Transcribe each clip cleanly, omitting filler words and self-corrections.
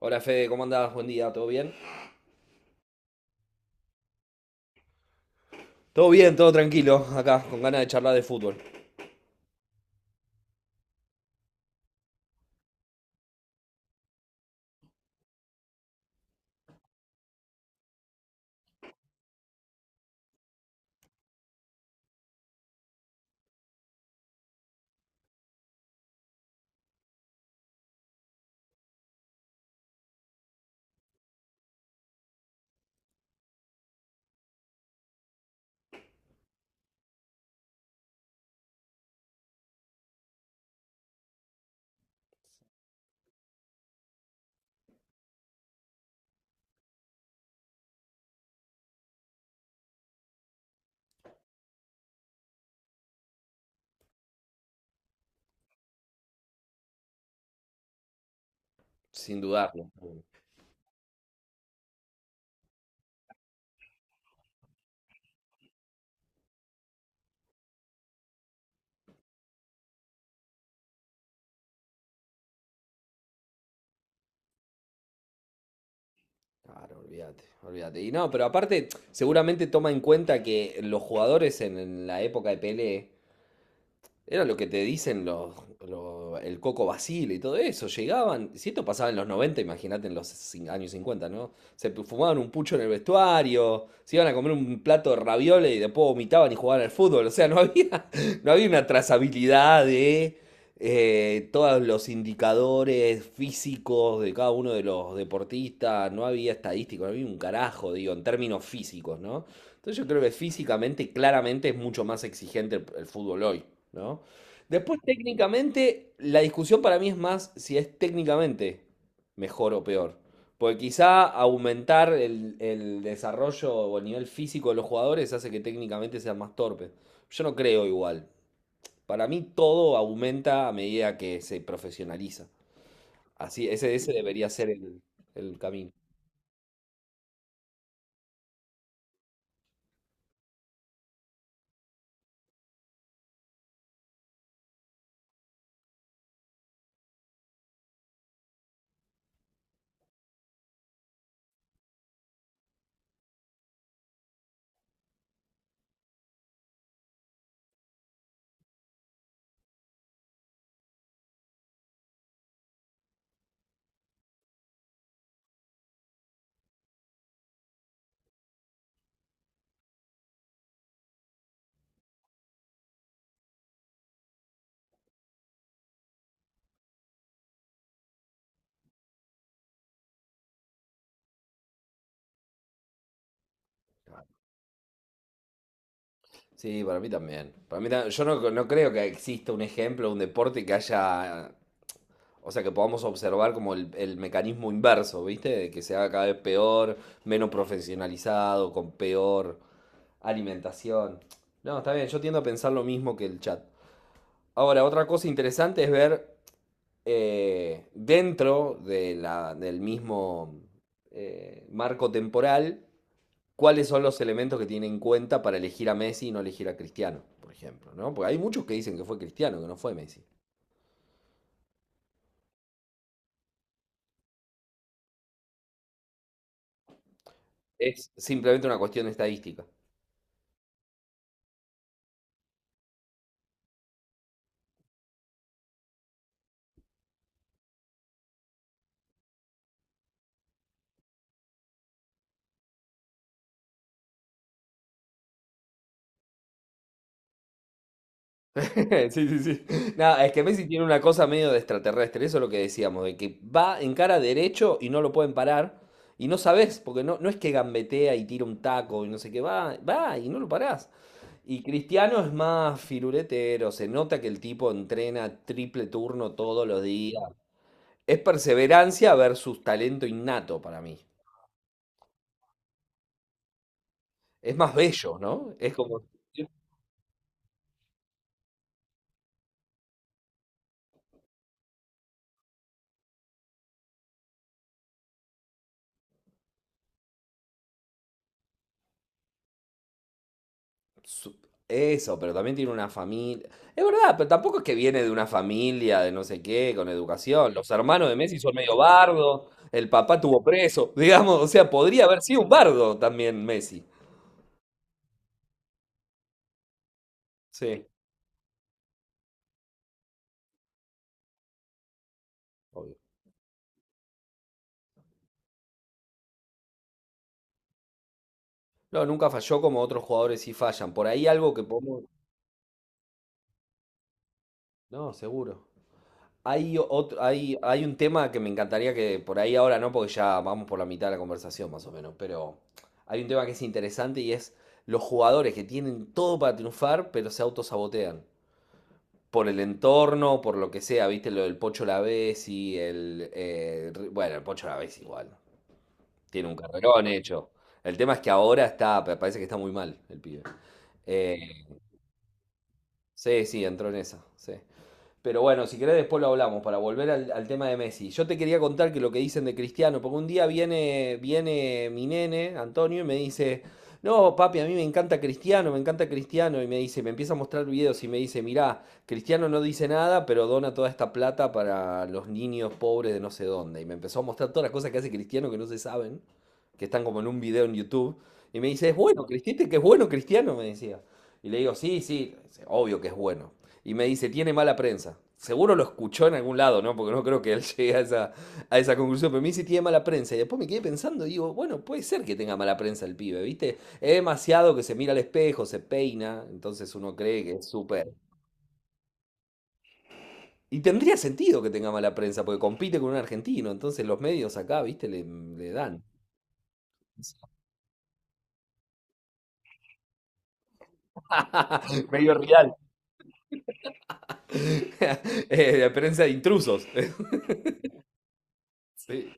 Hola Fede, ¿cómo andás? Buen día, ¿todo bien? Todo bien, todo tranquilo, acá, con ganas de charlar de fútbol, sin dudarlo. Claro, olvídate, olvídate. Y no, pero aparte, seguramente toma en cuenta que los jugadores en la época de Pelé era lo que te dicen el Coco Basile y todo eso. Llegaban, si esto pasaba en los 90 imagínate en los años cincuenta, ¿no? Fumaban un pucho en el vestuario, se iban a comer un plato de ravioles y después vomitaban y jugaban al fútbol. O sea, no había, no había una trazabilidad de todos los indicadores físicos de cada uno de los deportistas. No había estadísticos, no había un carajo, digo, en términos físicos, ¿no? Entonces yo creo que físicamente, claramente es mucho más exigente el fútbol hoy, ¿no? Después técnicamente, la discusión para mí es más si es técnicamente mejor o peor. Porque quizá aumentar el desarrollo o el nivel físico de los jugadores hace que técnicamente sean más torpes. Yo no creo igual. Para mí todo aumenta a medida que se profesionaliza. Así, ese debería ser el camino. Sí, para mí también. Para mí yo no, no creo que exista un ejemplo, un deporte que haya, o sea, que podamos observar como el mecanismo inverso, ¿viste? De que se haga cada vez peor, menos profesionalizado, con peor alimentación. No, está bien, yo tiendo a pensar lo mismo que el chat. Ahora, otra cosa interesante es ver dentro de del mismo marco temporal cuáles son los elementos que tiene en cuenta para elegir a Messi y no elegir a Cristiano, por ejemplo, ¿no? Porque hay muchos que dicen que fue Cristiano, que no fue Messi. Es simplemente una cuestión de estadística. Sí, sí, sí. Nada, es que Messi tiene una cosa medio de extraterrestre, eso es lo que decíamos, de que va en cara derecho y no lo pueden parar. Y no sabés, porque no, no es que gambetea y tira un taco y no sé qué, va, va y no lo parás. Y Cristiano es más firuletero, se nota que el tipo entrena triple turno todos los días. Es perseverancia versus talento innato para mí. Es más bello, ¿no? Es como. su- Eso, pero también tiene una familia. Es verdad, pero tampoco es que viene de una familia de no sé qué, con educación. Los hermanos de Messi son medio bardo, el papá tuvo preso, digamos, o sea, podría haber sido un bardo también Messi. Sí, obvio. No, nunca falló como otros jugadores sí fallan. Por ahí algo que podemos. No, seguro. Hay un tema que me encantaría que por ahí ahora no, porque ya vamos por la mitad de la conversación más o menos, pero hay un tema que es interesante y es los jugadores que tienen todo para triunfar, pero se autosabotean. Por el entorno, por lo que sea, viste lo del Pocho Lavezzi, bueno, el Pocho Lavezzi igual, tiene un carrerón hecho. El tema es que ahora está, parece que está muy mal el pibe. Eh, sí, sí, entró en esa, sí. Pero bueno, si querés después lo hablamos para volver al tema de Messi. Yo te quería contar que lo que dicen de Cristiano, porque un día viene mi nene, Antonio, y me dice, no, papi, a mí me encanta Cristiano, y me dice, me empieza a mostrar videos y me dice, mirá, Cristiano no dice nada, pero dona toda esta plata para los niños pobres de no sé dónde. Y me empezó a mostrar todas las cosas que hace Cristiano que no se saben, que están como en un video en YouTube. Y me dice, es bueno, Cristiano, que es bueno Cristiano, me decía. Y le digo, sí, sí, obvio que es bueno y me dice, tiene mala prensa. Seguro lo escuchó en algún lado, ¿no? Porque no creo que él llegue a esa conclusión, pero me dice, tiene mala prensa. Y después me quedé pensando y digo, bueno, puede ser que tenga mala prensa el pibe, ¿viste? Es demasiado que se mira al espejo, se peina, entonces uno cree que es súper. Y tendría sentido que tenga mala prensa, porque compite con un argentino, entonces los medios acá, ¿viste? Le dan. Medio real. La prensa de intrusos. Sí.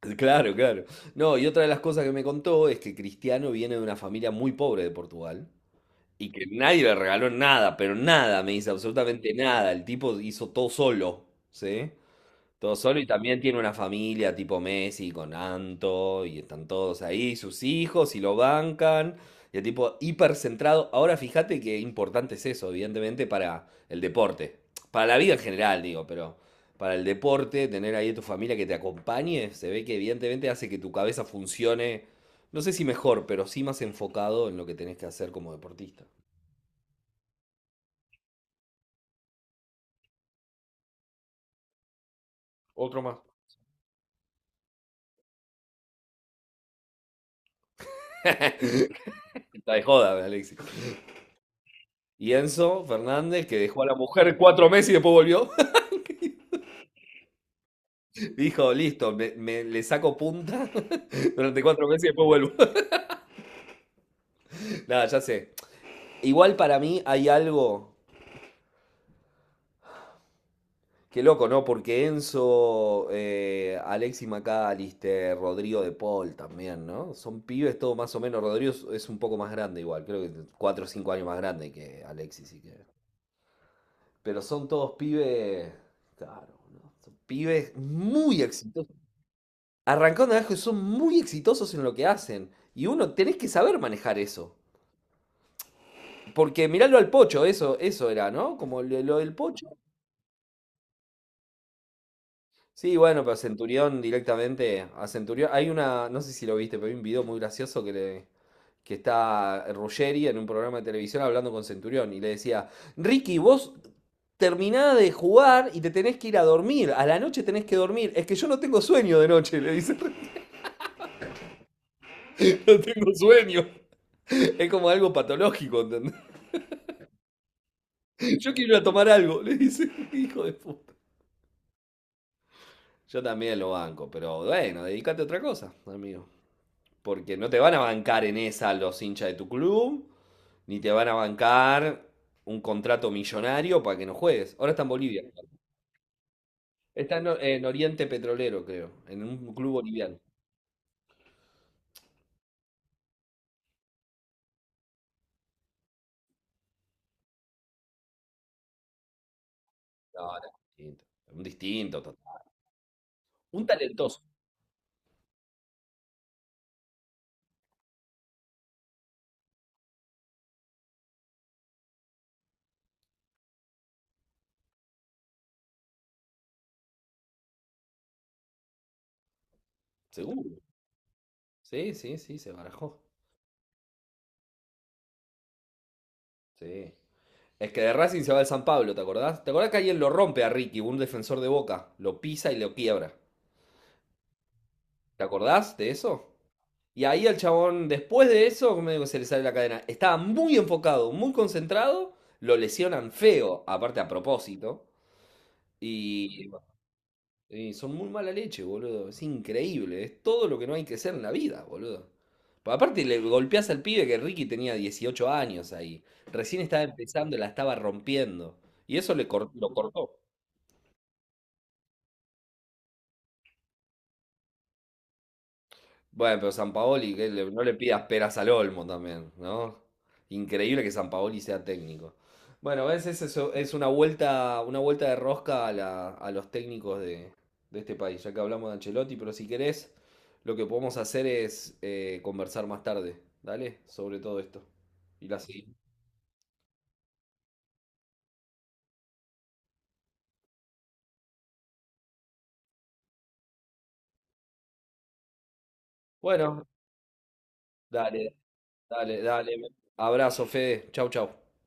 Claro, claro. No, y otra de las cosas que me contó es que Cristiano viene de una familia muy pobre de Portugal y que nadie le regaló nada, pero nada, me dice absolutamente nada. El tipo hizo todo solo, ¿sí? Todo solo y también tiene una familia tipo Messi con Anto y están todos ahí, sus hijos y lo bancan. Y el tipo hipercentrado. Ahora fíjate qué importante es eso, evidentemente, para el deporte. Para la vida en general, digo, pero para el deporte, tener ahí a tu familia que te acompañe, se ve que evidentemente hace que tu cabeza funcione, no sé si mejor, pero sí más enfocado en lo que tenés que hacer como deportista. Otro más. Está de joda, Alexis. Y Enzo Fernández, que dejó a la mujer 4 meses y después volvió, dijo, listo, le saco punta durante 4 meses y después vuelvo. Nada, ya sé. Igual para mí hay algo que loco, ¿no? Porque Enzo, Alexis McAllister, Rodrigo de Paul también, ¿no? Son pibes todo más o menos. Rodrigo es un poco más grande igual, creo que 4 o 5 años más grande que Alexis. Y que. Pero son todos pibes, claro, ¿no? Son pibes muy exitosos arrancando, de abajo y son muy exitosos en lo que hacen. Y uno tenés que saber manejar eso. Porque mirarlo al Pocho, eso era, ¿no? Como lo del Pocho. Sí, bueno, pero Centurión directamente. A Centurión. Hay una. No sé si lo viste, pero hay un video muy gracioso que le. Que está Ruggeri en un programa de televisión hablando con Centurión. Y le decía, Ricky, vos terminás de jugar y te tenés que ir a dormir. A la noche tenés que dormir. Es que yo no tengo sueño de noche, le dice. No tengo sueño. Es como algo patológico, ¿entendés? Yo quiero ir a tomar algo, le dice, hijo de puta. Yo también lo banco, pero bueno, dedícate a otra cosa, amigo. Porque no te van a bancar en esa los hinchas de tu club, ni te van a bancar un contrato millonario para que no juegues. Ahora está en Bolivia. Está en Oriente Petrolero, creo, en un club boliviano. No, no, distinto. Un distinto total. Un talentoso, seguro. Sí, sí, sí, se barajó. Sí. Es que de Racing se va al San Pablo, ¿te acordás? ¿Te acordás que alguien lo rompe a Ricky, un defensor de Boca? Lo pisa y lo quiebra. ¿Te acordás de eso? Y ahí el chabón, después de eso, como digo, se le sale la cadena. Estaba muy enfocado, muy concentrado. Lo lesionan feo, aparte a propósito. Y, y son muy mala leche, boludo. Es increíble. Es todo lo que no hay que ser en la vida, boludo. Pero aparte le golpeás al pibe que Ricky tenía 18 años ahí. Recién estaba empezando, la estaba rompiendo. Y eso lo cortó. Bueno, pero Sampaoli, que no le pidas peras al olmo también, ¿no? Increíble que Sampaoli sea técnico. Bueno, ves, es eso, es una vuelta de rosca a los técnicos de este país, ya que hablamos de Ancelotti, pero si querés, lo que podemos hacer es conversar más tarde, ¿dale? Sobre todo esto. Y la seguimos. Bueno, dale, dale, dale. Abrazo, Fede. Chau, chau.